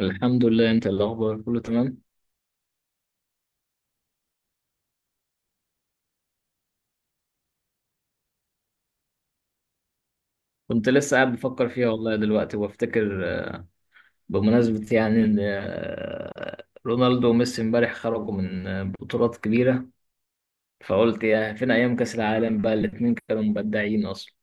الحمد لله. انت إيه الاخبار، كله تمام؟ كنت لسه قاعد بفكر فيها والله دلوقتي وبفتكر، بمناسبة يعني ان رونالدو وميسي امبارح خرجوا من بطولات كبيرة، فقلت يا فين ايام كاس العالم، بقى الاتنين كانوا مبدعين اصلا.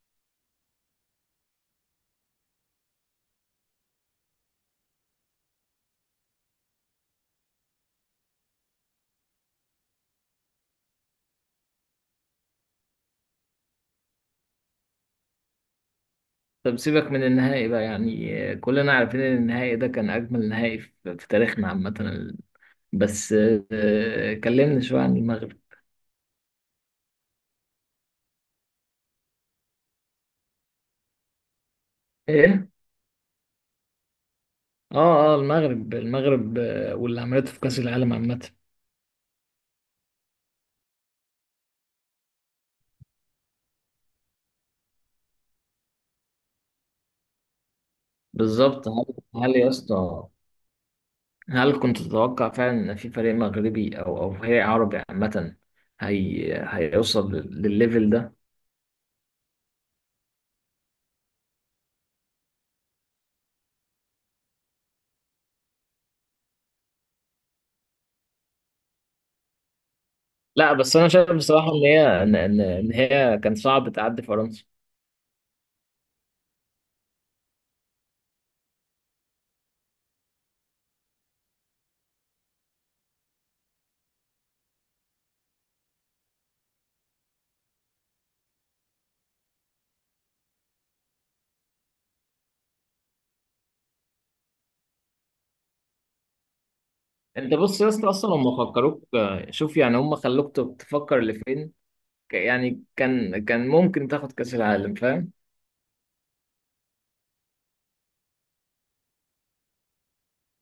طب سيبك من النهائي بقى، يعني كلنا عارفين ان النهائي ده كان اجمل نهائي في تاريخنا عامة. بس كلمني شوية عن المغرب. ايه؟ اه اه، المغرب، واللي عملته في كاس العالم عامة. بالظبط. هل، هل يا اسطى، هل كنت تتوقع فعلا ان في فريق مغربي او فريق عربي عامه، هيوصل للليفل ده؟ لا بس انا شايف بصراحه ان هي ان هي كان صعب تعدي فرنسا. انت بص يا اسطى، اصلا هم فكروك، شوف يعني هم خلوك تفكر لفين. يعني كان ممكن تاخد كاس العالم، فاهم؟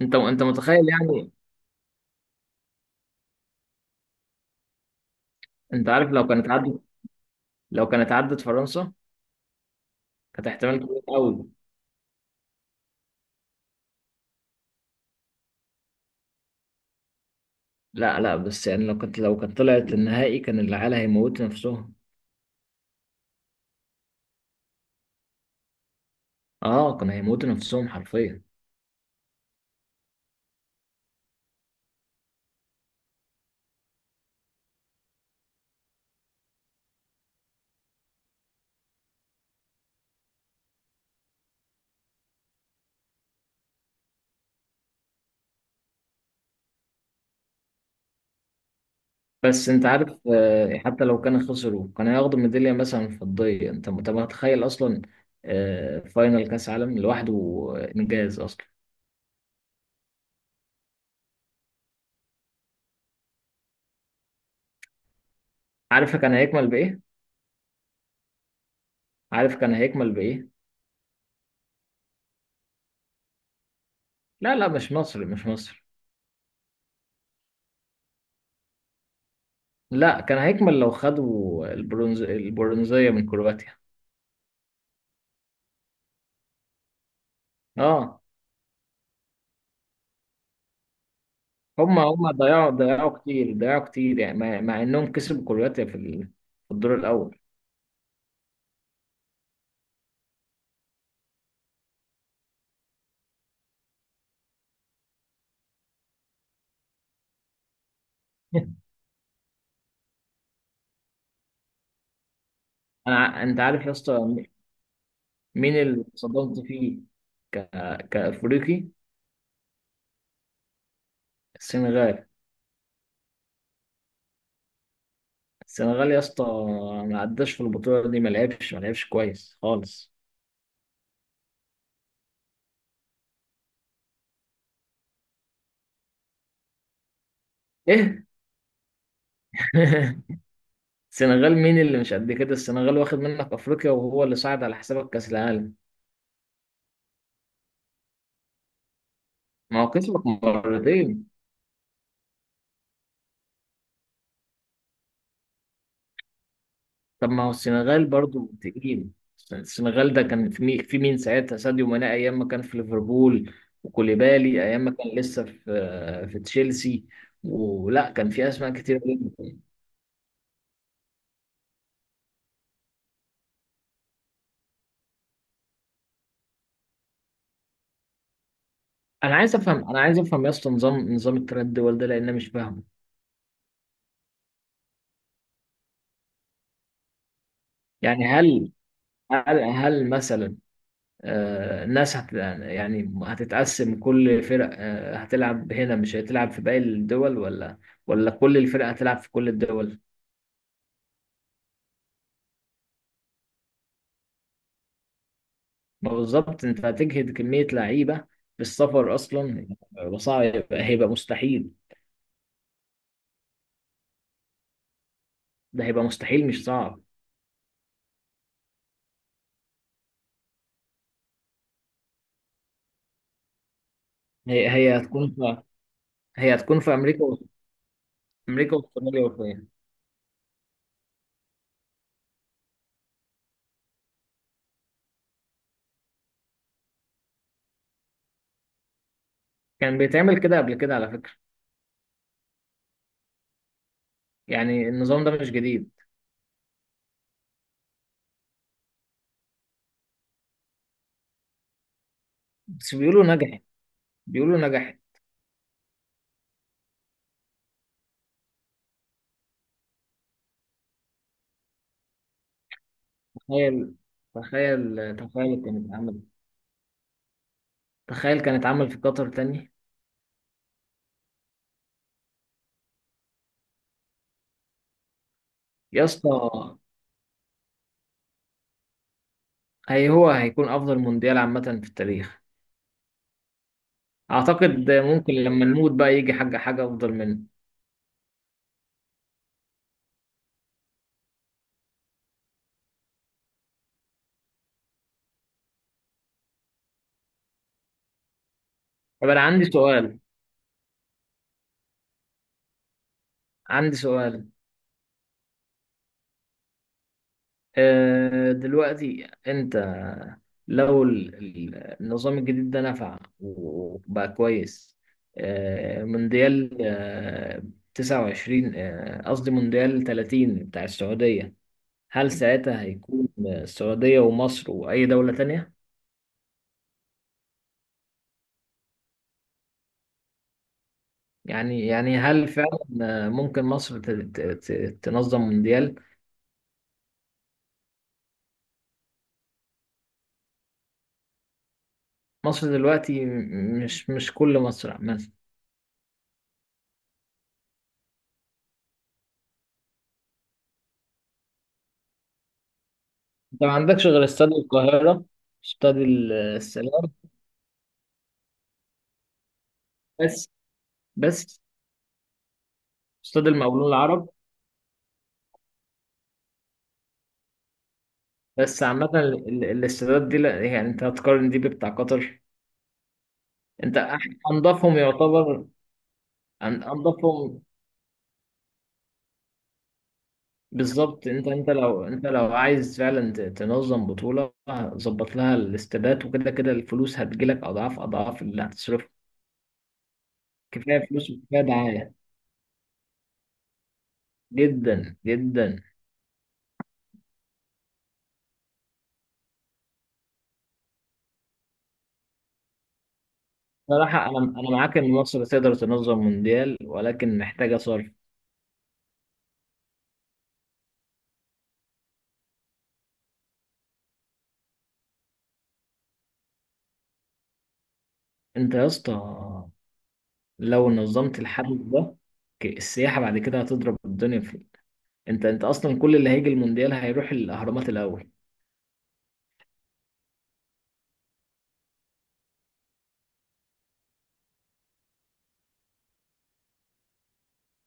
انت انت متخيل يعني؟ انت عارف لو كانت عدت، لو كانت عدت فرنسا، كانت احتمال كبير قوي. لا لا بس يعني لو كانت طلعت النهائي كان العيال هيموتوا نفسهم. اه كانوا هيموتوا نفسهم حرفيا. بس انت عارف، حتى لو كانوا خسروا كانوا هياخدوا ميدالية مثلا فضية، انت انت متخيل اصلا؟ فاينل كاس عالم لوحده انجاز اصلا. عارف كان هيكمل بايه؟ عارف كان هيكمل بايه؟ لا لا، مش مصر. لا، كان هيكمل لو خدوا البرونزية من كرواتيا. اه، هما هما ضيعوا، ضيعوا كتير، يعني مع انهم كسبوا كرواتيا في الدور الاول. انت عارف يا اسطى، مين اللي صدمت فيه ك... كأفريقي؟ السنغال، السنغال يا اسطى، ما عداش في البطولة دي، ما لعبش كويس خالص. ايه؟ السنغال مين اللي مش قد كده؟ السنغال واخد منك أفريقيا وهو اللي صعد على حسابك كأس العالم، ما هو كسبك مرتين. طب ما هو السنغال برضو تقيل، السنغال ده كان في مين، في مين ساعتها؟ ساديو ماني أيام ما كان في ليفربول، وكوليبالي أيام ما كان لسه في في تشيلسي، ولا كان في أسماء كتير. انا عايز افهم، انا عايز افهم يا اسطى، نظام، نظام التردد الدول ده، لان أنا مش فاهمه. يعني هل، هل مثلا الناس هت، يعني هتتقسم، كل فرق هتلعب هنا مش هتلعب في باقي الدول، ولا ولا كل الفرق هتلعب في كل الدول؟ ما بالظبط، انت هتجهد كمية لعيبة في السفر اصلا، وصعب، هيبقى مستحيل. ده هيبقى مستحيل مش صعب. هي هي هتكون في، هي هتكون في امريكا، امريكا واستراليا وفين؟ كان بيتعمل كده قبل كده على فكرة، يعني النظام ده مش جديد. بس بيقولوا نجحت، بيقولوا نجحت. تخيل تخيل، تخيل كانت عمل، تخيل كانت عمل في قطر تاني. يا اسطى، هو هيكون افضل مونديال عامة في التاريخ، اعتقد ممكن لما نموت بقى يجي حاجة افضل منه. طب انا عندي سؤال، عندي سؤال، دلوقتي انت لو النظام الجديد ده نفع وبقى كويس، مونديال 29، قصدي مونديال 30 بتاع السعودية، هل ساعتها هيكون السعودية ومصر وأي دولة تانية؟ يعني يعني هل فعلا ممكن مصر ت- تنظم مونديال؟ مصر دلوقتي، مش كل مصر مثلا، انت ما عندكش غير استاد القاهرة، استاد السلام بس، استاد المقاولون العرب. بس عامة الاستادات دي لا، يعني انت هتقارن دي بتاع قطر؟ انت انضفهم يعتبر، انضفهم. بالظبط، انت، انت لو، انت لو عايز فعلا تنظم بطولة، ظبط لها الاستادات، وكده كده الفلوس هتجيلك اضعاف، اضعاف اللي هتصرفه. كفاية فلوس وكفاية دعاية. جدا جدا. صراحة انا، انا معاك ان مصر تقدر تنظم مونديال، ولكن محتاجة صرف. انت يا اسطى لو نظمت الحدث ده، السياحة بعد كده هتضرب الدنيا في، انت انت اصلا كل اللي هيجي المونديال هيروح الاهرامات الاول.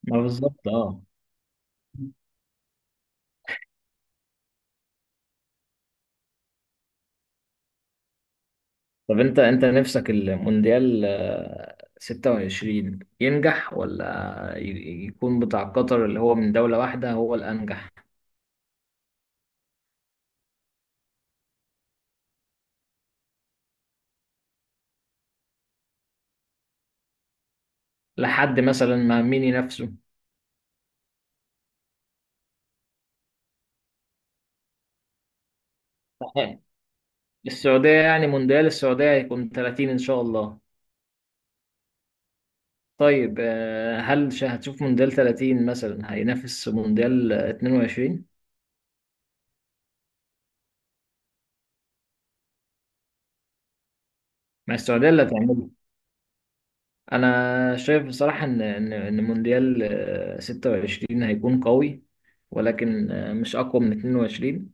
ما بالظبط، اه. طب انت، انت نفسك المونديال 26 ينجح، ولا يكون بتاع قطر اللي هو من دولة واحدة هو الانجح لحد مثلا ما مين ينافسه؟ آه، السعودية، يعني مونديال السعودية هيكون 30 ان شاء الله. طيب هل هتشوف مونديال 30 مثلا هينافس مونديال 22؟ ما السعودية اللي هتعمله. أنا شايف بصراحة إن إن مونديال 26 هيكون قوي، ولكن مش أقوى من 22.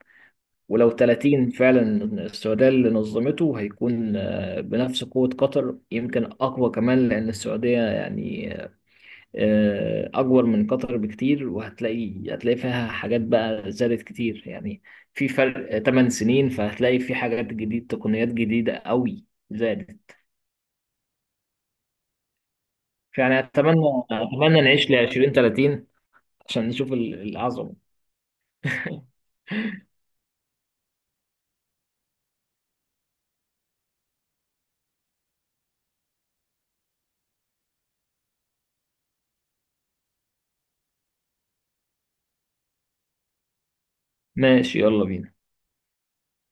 ولو 30 فعلا السعودية اللي نظمته، هيكون بنفس قوة قطر، يمكن أقوى كمان، لأن السعودية يعني أكبر من قطر بكتير، وهتلاقي، هتلاقي فيها حاجات بقى زادت كتير، يعني في فرق 8 سنين، فهتلاقي في حاجات جديدة، تقنيات جديدة قوي زادت. يعني اتمنى، اتمنى نعيش ل 20 30 عشان نشوف العظمه. ماشي يلا بينا.